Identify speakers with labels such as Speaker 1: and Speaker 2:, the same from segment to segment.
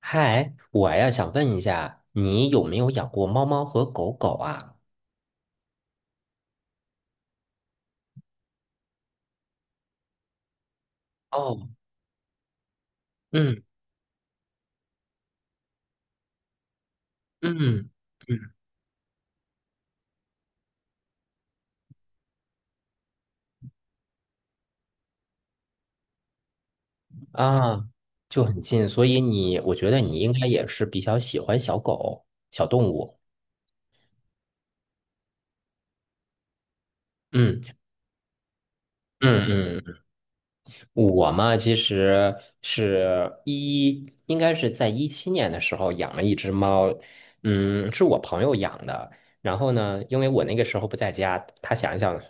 Speaker 1: 嗨，我呀想问一下，你有没有养过猫猫和狗狗啊？哦，嗯嗯嗯啊，就很近，所以你，我觉得你应该也是比较喜欢小狗、小动物。嗯嗯嗯。我嘛，其实应该是在一七年的时候养了一只猫，嗯，是我朋友养的。然后呢，因为我那个时候不在家，他想一想，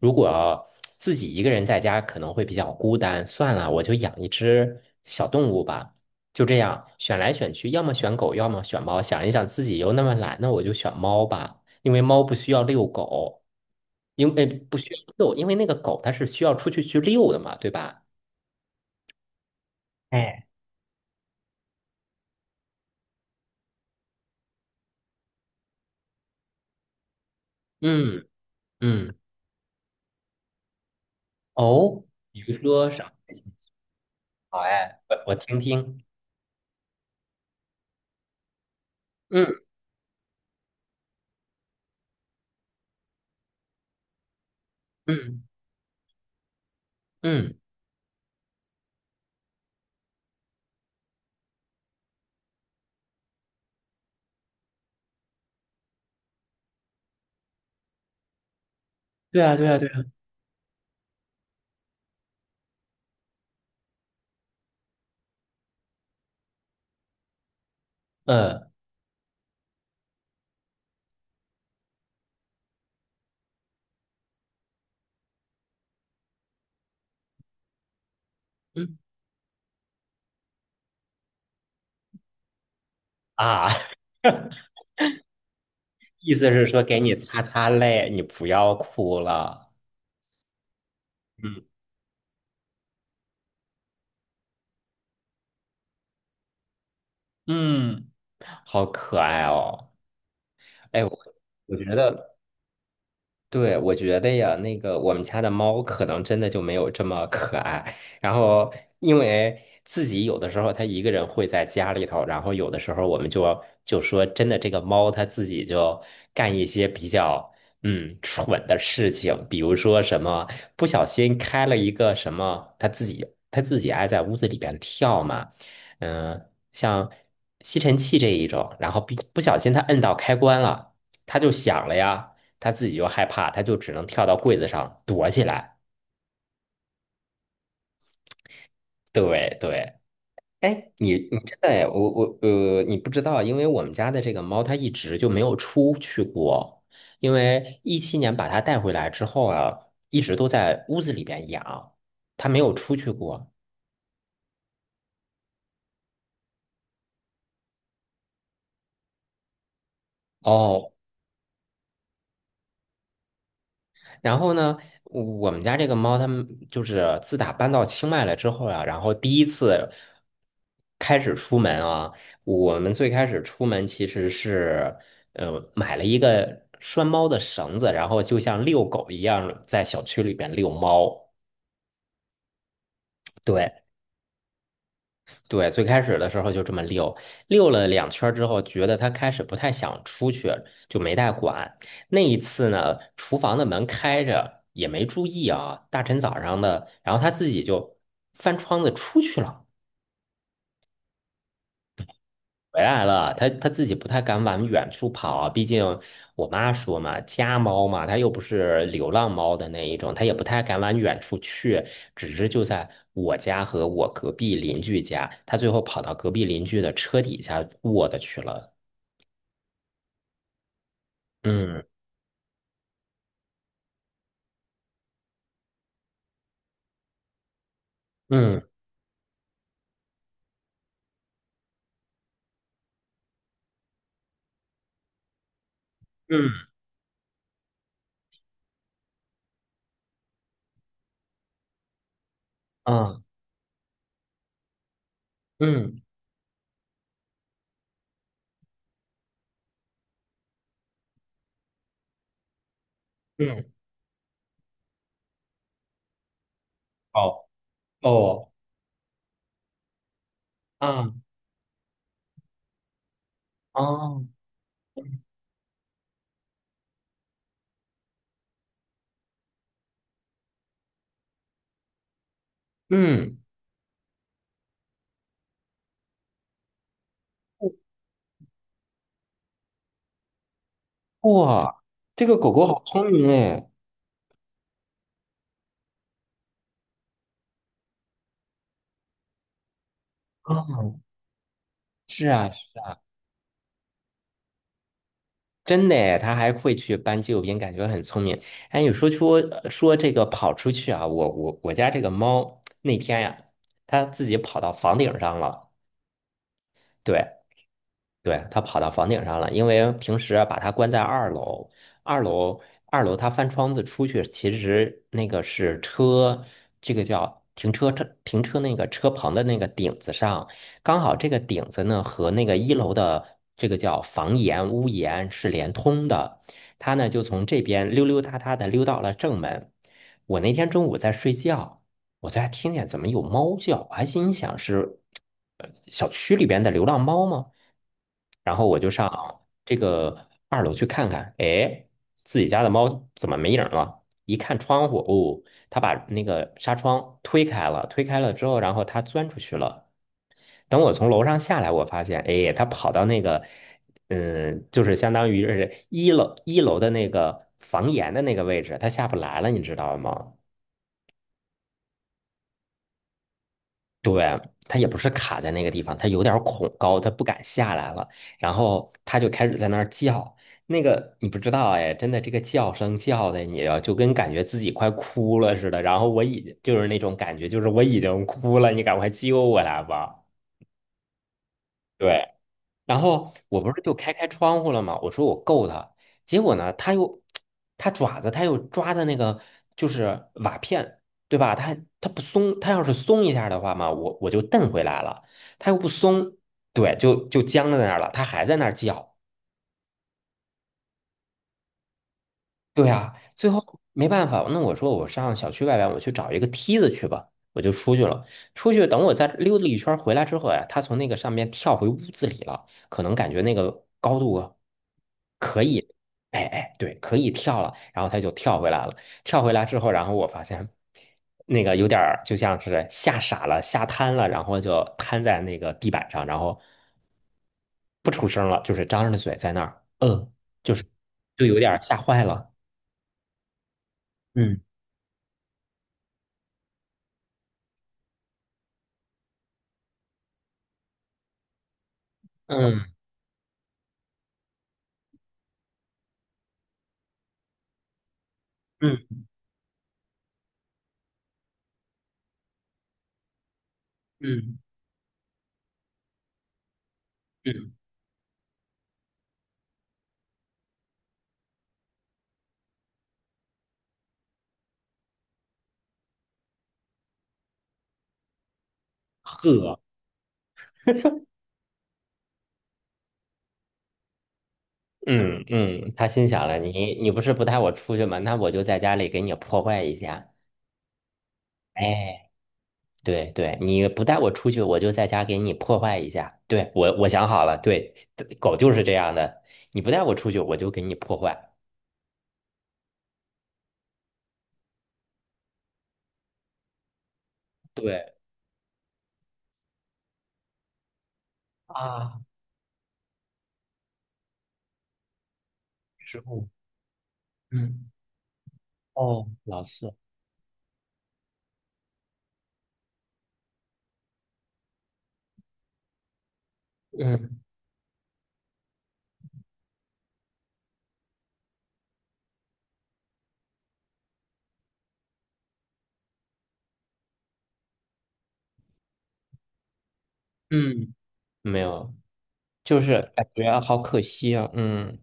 Speaker 1: 如果自己一个人在家可能会比较孤单，算了，我就养一只小动物吧。就这样选来选去，要么选狗，要么选猫。想一想自己又那么懒，那我就选猫吧，因为猫不需要遛狗，因为不需要遛，因为那个狗它是需要出去去遛的嘛，对吧？哎，嗯嗯，哦，比如说啥？好哎，我听听。嗯嗯嗯，对啊对啊对啊。嗯嗯啊，意思是说给你擦擦泪，你不要哭了。嗯，嗯，好可爱哦。哎，我觉得。对，我觉得呀，那个我们家的猫可能真的就没有这么可爱。然后，因为自己有的时候它一个人会在家里头，然后有的时候我们就说，真的这个猫它自己就干一些比较蠢的事情，比如说什么不小心开了一个什么，它自己爱在屋子里边跳嘛，嗯，像吸尘器这一种，然后不小心它摁到开关了，它就响了呀。他自己又害怕，他就只能跳到柜子上躲起来。对对，哎，你真的哎我我呃，你不知道，因为我们家的这个猫它一直就没有出去过，因为一七年把它带回来之后啊，一直都在屋子里边养，它没有出去过。哦，然后呢，我们家这个猫，它们就是自打搬到清迈来之后呀、然后第一次开始出门啊，我们最开始出门其实是，买了一个拴猫的绳子，然后就像遛狗一样，在小区里边遛猫。对，对，最开始的时候就这么遛，遛了两圈儿之后，觉得他开始不太想出去，就没带管。那一次呢，厨房的门开着，也没注意啊，大晨早上的，然后他自己就翻窗子出去了。回来了，它自己不太敢往远处跑啊，毕竟我妈说嘛，家猫嘛，它又不是流浪猫的那一种，它也不太敢往远处去，只是就在我家和我隔壁邻居家，它最后跑到隔壁邻居的车底下卧的去了。嗯嗯嗯啊嗯嗯，哦哦啊啊嗯，哇，这个狗狗好聪明哎。啊，是啊。真的诶，他还会去搬纪录片，感觉很聪明。哎，你说说这个跑出去啊，我家这个猫那天呀、它自己跑到房顶上了。对，对，它跑到房顶上了，因为平时啊把它关在二楼，二楼二楼它翻窗子出去，其实那个是车，这个叫停车那个车棚的那个顶子上，刚好这个顶子呢和那个一楼的这个叫房檐屋檐是连通的，它呢就从这边溜溜达达的溜到了正门。我那天中午在睡觉，我在听见怎么有猫叫，我还心想是小区里边的流浪猫吗？然后我就上这个二楼去看看，哎，自己家的猫怎么没影儿了？一看窗户，哦，它把那个纱窗推开了，推开了之后，然后它钻出去了。等我从楼上下来，我发现，哎，它跑到那个，嗯，就是相当于是一楼的那个房檐的那个位置，它下不来了，你知道吗？对，他也不是卡在那个地方，他有点儿恐高，他不敢下来了，然后他就开始在那儿叫。那个你不知道哎，真的这个叫声叫的你啊，就跟感觉自己快哭了似的。然后就是那种感觉，就是我已经哭了，你赶快救我来吧。对，然后我不是就开开窗户了吗？我说我够它，结果呢，它又它爪子它又抓的那个就是瓦片，对吧？它不松，它要是松一下的话嘛，我就蹬回来了，它又不松，对，就僵在那儿了，它还在那儿叫。对呀，最后没办法，那我说我上小区外边，我去找一个梯子去吧，我就出去了。出去等我再溜达一圈儿回来之后呀，他从那个上面跳回屋子里了，可能感觉那个高度啊可以，哎哎，对，可以跳了，然后他就跳回来了。跳回来之后，然后我发现那个有点儿就像是吓傻了、吓瘫了，然后就瘫在那个地板上，然后不出声了，就是张着嘴在那儿，嗯，就是有点儿吓坏了。嗯。嗯，嗯嗯嗯，呵，嗯嗯，他心想了，你不是不带我出去吗？那我就在家里给你破坏一下。哎，对对，你不带我出去，我就在家给你破坏一下。对，我想好了，对，狗就是这样的，你不带我出去，我就给你破坏。对啊，师傅，嗯哦，老师，嗯，嗯没有，就是感觉好可惜啊。嗯，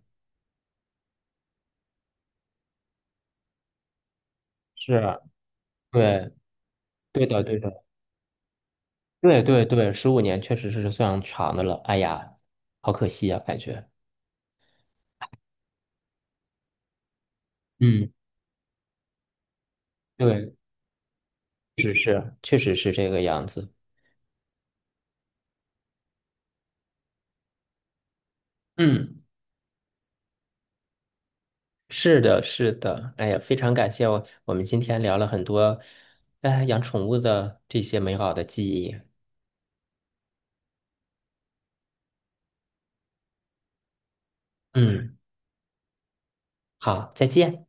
Speaker 1: 是，对，对的，对的。对对对，15年确实是算长的了。哎呀，好可惜啊，感觉。嗯，对，是是，确实是这个样子。嗯，是的，是的。哎呀，非常感谢我们今天聊了很多，哎，养宠物的这些美好的记忆。嗯，好，再见。